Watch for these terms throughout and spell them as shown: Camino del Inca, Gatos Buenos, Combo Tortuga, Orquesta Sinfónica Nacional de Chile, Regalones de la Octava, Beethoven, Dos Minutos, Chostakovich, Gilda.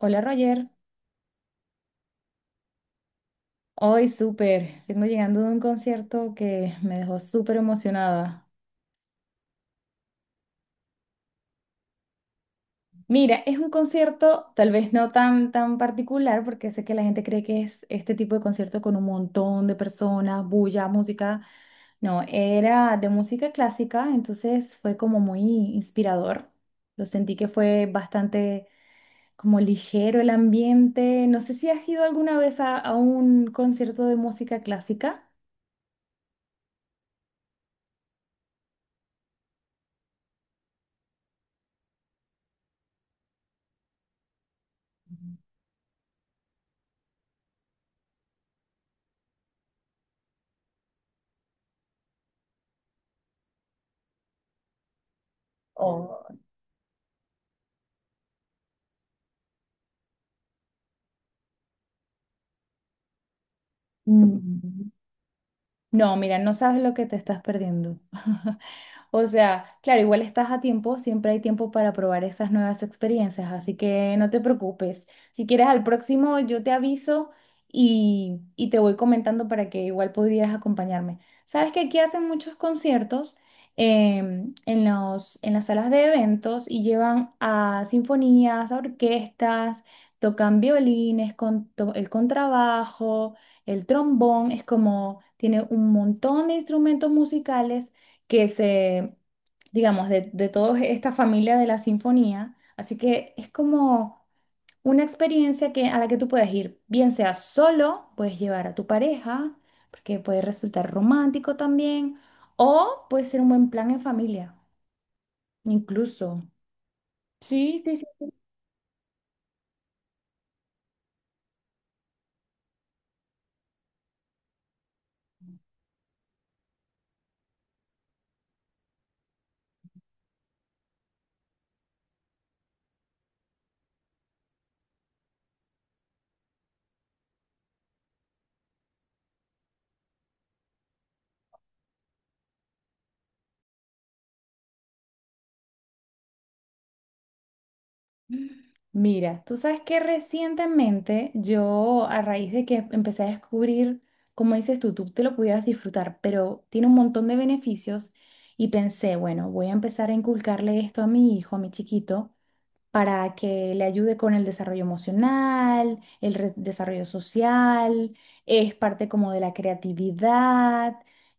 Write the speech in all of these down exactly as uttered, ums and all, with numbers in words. Hola, Roger, hoy súper, vengo llegando de un concierto que me dejó súper emocionada. Mira, es un concierto tal vez no tan, tan particular porque sé que la gente cree que es este tipo de concierto con un montón de personas, bulla, música. No, era de música clásica, entonces fue como muy inspirador. Lo sentí que fue bastante como ligero el ambiente. No sé si has ido alguna vez a, a un concierto de música clásica. Oh. Mm. No, mira, no sabes lo que te estás perdiendo. O sea, claro, igual estás a tiempo, siempre hay tiempo para probar esas nuevas experiencias, así que no te preocupes. Si quieres al próximo, yo te aviso y, y te voy comentando para que igual pudieras acompañarme. Sabes que aquí hacen muchos conciertos em, en los, en las salas de eventos y llevan a sinfonías, a orquestas, tocan violines, con, to- el contrabajo, el trombón, es como, tiene un montón de instrumentos musicales que se, digamos, de, de toda esta familia de la sinfonía. Así que es como una experiencia que, a la que tú puedes ir, bien sea solo, puedes llevar a tu pareja, porque puede resultar romántico también, o puede ser un buen plan en familia, incluso. Sí, sí, sí. Mira, tú sabes que recientemente yo, a raíz de que empecé a descubrir, como dices tú, tú te lo pudieras disfrutar, pero tiene un montón de beneficios y pensé, bueno, voy a empezar a inculcarle esto a mi hijo, a mi chiquito para que le ayude con el desarrollo emocional, el re- desarrollo social, es parte como de la creatividad.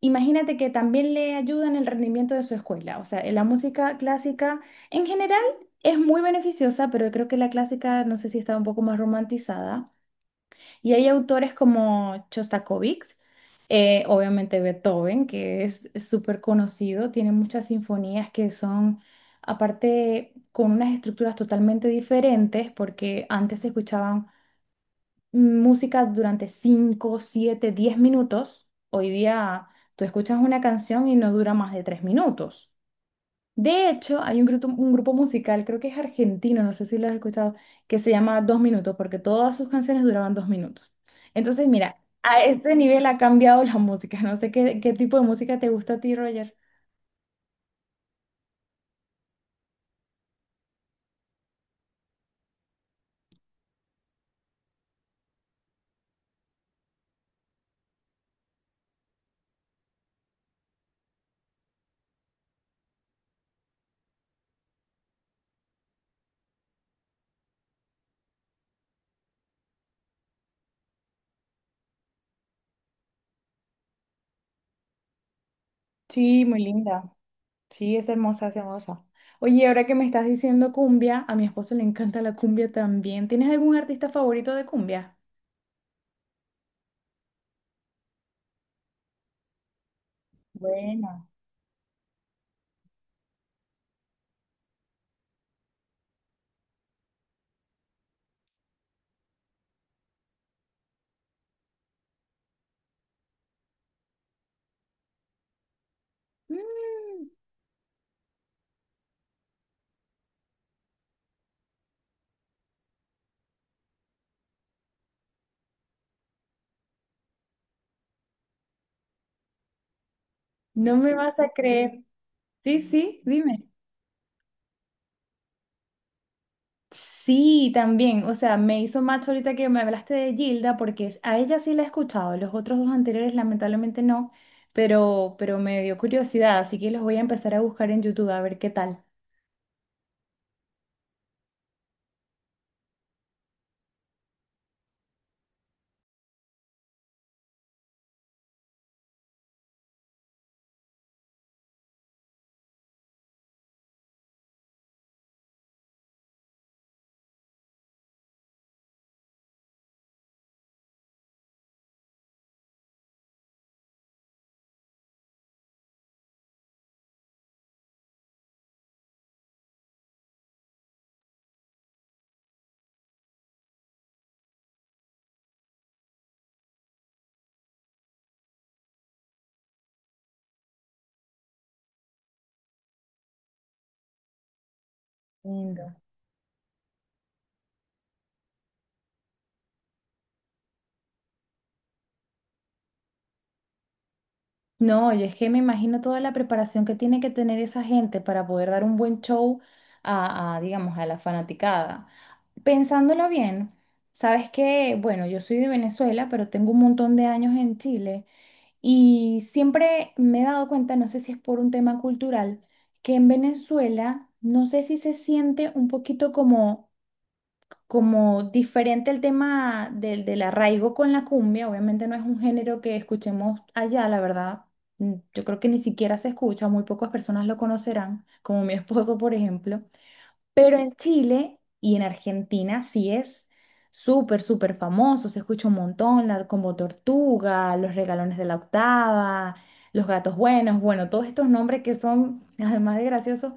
Imagínate que también le ayuda en el rendimiento de su escuela. O sea, la música clásica en general es muy beneficiosa, pero creo que la clásica, no sé si está un poco más romantizada. Y hay autores como Chostakovich, eh, obviamente Beethoven, que es súper conocido, tiene muchas sinfonías que son, aparte, con unas estructuras totalmente diferentes, porque antes se escuchaban música durante cinco siete diez minutos. Hoy día tú escuchas una canción y no dura más de tres minutos. De hecho, hay un grupo, un grupo musical, creo que es argentino, no sé si lo has escuchado, que se llama Dos Minutos, porque todas sus canciones duraban dos minutos. Entonces, mira, a ese nivel ha cambiado la música. No sé qué, qué tipo de música te gusta a ti, Roger. Sí, muy linda. Sí, es hermosa, es hermosa. Oye, ahora que me estás diciendo cumbia, a mi esposo le encanta la cumbia también. ¿Tienes algún artista favorito de cumbia? Bueno. Mm, no me vas a creer. Sí, sí, dime. Sí, también, o sea, me hizo match ahorita que me hablaste de Gilda, porque es- a ella sí la he escuchado, los otros dos anteriores lamentablemente no, pero, pero me dio curiosidad, así que los voy a empezar a buscar en YouTube a ver qué tal. Lindo. No, yo es que me imagino toda la preparación que tiene que tener esa gente para poder dar un buen show a, a, digamos, a la fanaticada. Pensándolo bien, sabes que, bueno, yo soy de Venezuela, pero tengo un montón de años en Chile. Y siempre me he dado cuenta, no sé si es por un tema cultural, que en Venezuela no sé si se siente un poquito como, como diferente el tema del, del arraigo con la cumbia. Obviamente no es un género que escuchemos allá, la verdad. Mm. Yo creo que ni siquiera se escucha, muy pocas personas lo conocerán, como mi esposo, por ejemplo. Pero en Chile y en Argentina sí es súper, súper famoso, se escucha un montón, la Combo Tortuga, los Regalones de la Octava, los Gatos Buenos, bueno, todos estos nombres que son, además de graciosos,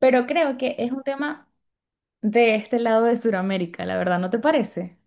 pero creo que es un tema de este lado de Sudamérica, la verdad, ¿no te parece?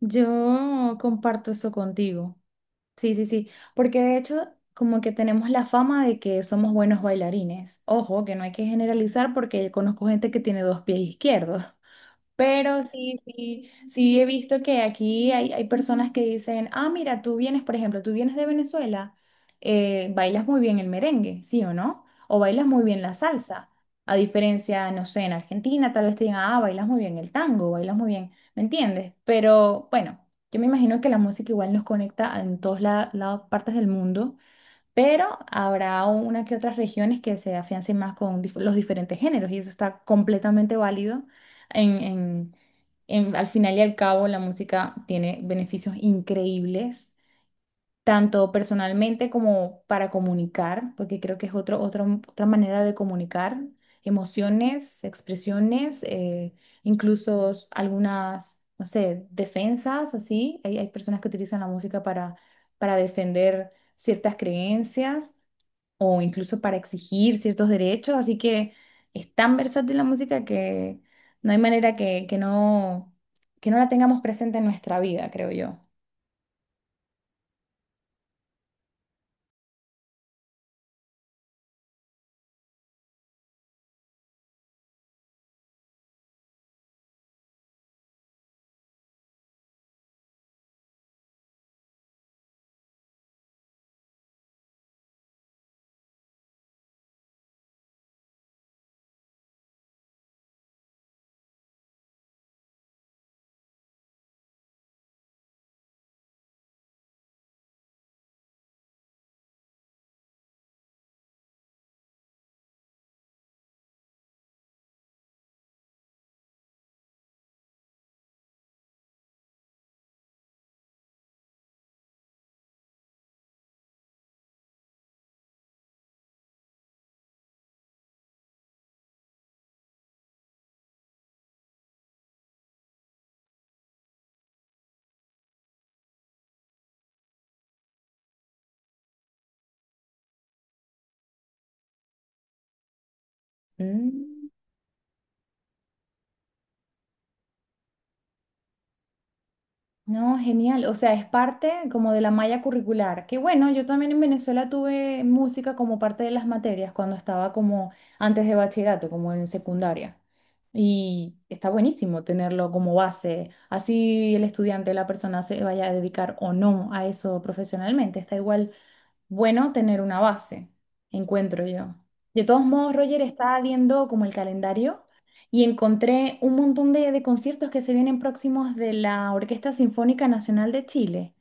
Yo comparto eso contigo. Sí, sí, sí, porque de hecho como que tenemos la fama de que somos buenos bailarines. Ojo, que no hay que generalizar porque conozco gente que tiene dos pies izquierdos. Pero sí, sí, sí, he visto que aquí hay, hay personas que dicen, ah, mira, tú vienes, por ejemplo, tú vienes de Venezuela, eh, bailas muy bien el merengue, ¿sí o no? O bailas muy bien la salsa. A diferencia, no sé, en Argentina tal vez te digan, ah, bailas muy bien el tango, bailas muy bien, ¿me entiendes? Pero bueno, yo me imagino que la música igual nos conecta en todas la- las partes del mundo, pero habrá una que otras regiones que se afiancen más con dif- los diferentes géneros y eso está completamente válido. En, en- en- Al final y al cabo, la música tiene beneficios increíbles, tanto personalmente como para comunicar, porque creo que es otro, otro- otra manera de comunicar emociones, expresiones, eh, incluso algunas, no sé, defensas, así. Hay, hay personas que utilizan la música para, para defender ciertas creencias o incluso para exigir ciertos derechos, así que es tan versátil la música que no hay manera que, que no, que no la tengamos presente en nuestra vida, creo yo. Mm, no, genial, o sea, es parte como de la malla curricular, que bueno, yo también en Venezuela tuve música como parte de las materias cuando estaba como antes de bachillerato, como en secundaria. Y está buenísimo tenerlo como base. Así el estudiante, la persona se vaya a dedicar o no a eso profesionalmente. Está igual bueno tener una base, encuentro yo. De todos modos, Roger, estaba viendo como el calendario y encontré un montón de, de conciertos que se vienen próximos de la Orquesta Sinfónica Nacional de Chile.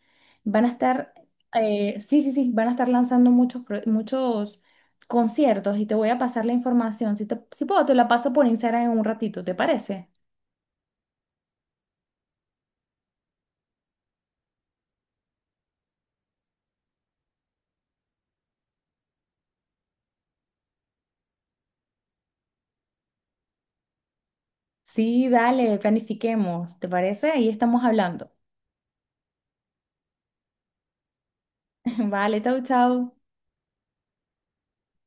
Van a estar, eh, sí, sí, sí, van a estar lanzando muchos, pro- muchos conciertos y te voy a pasar la información. Si, te- si puedo, te la paso por Instagram en un ratito, ¿te parece? Sí, dale, planifiquemos, ¿te parece? Ahí estamos hablando. Vale, chau, chau.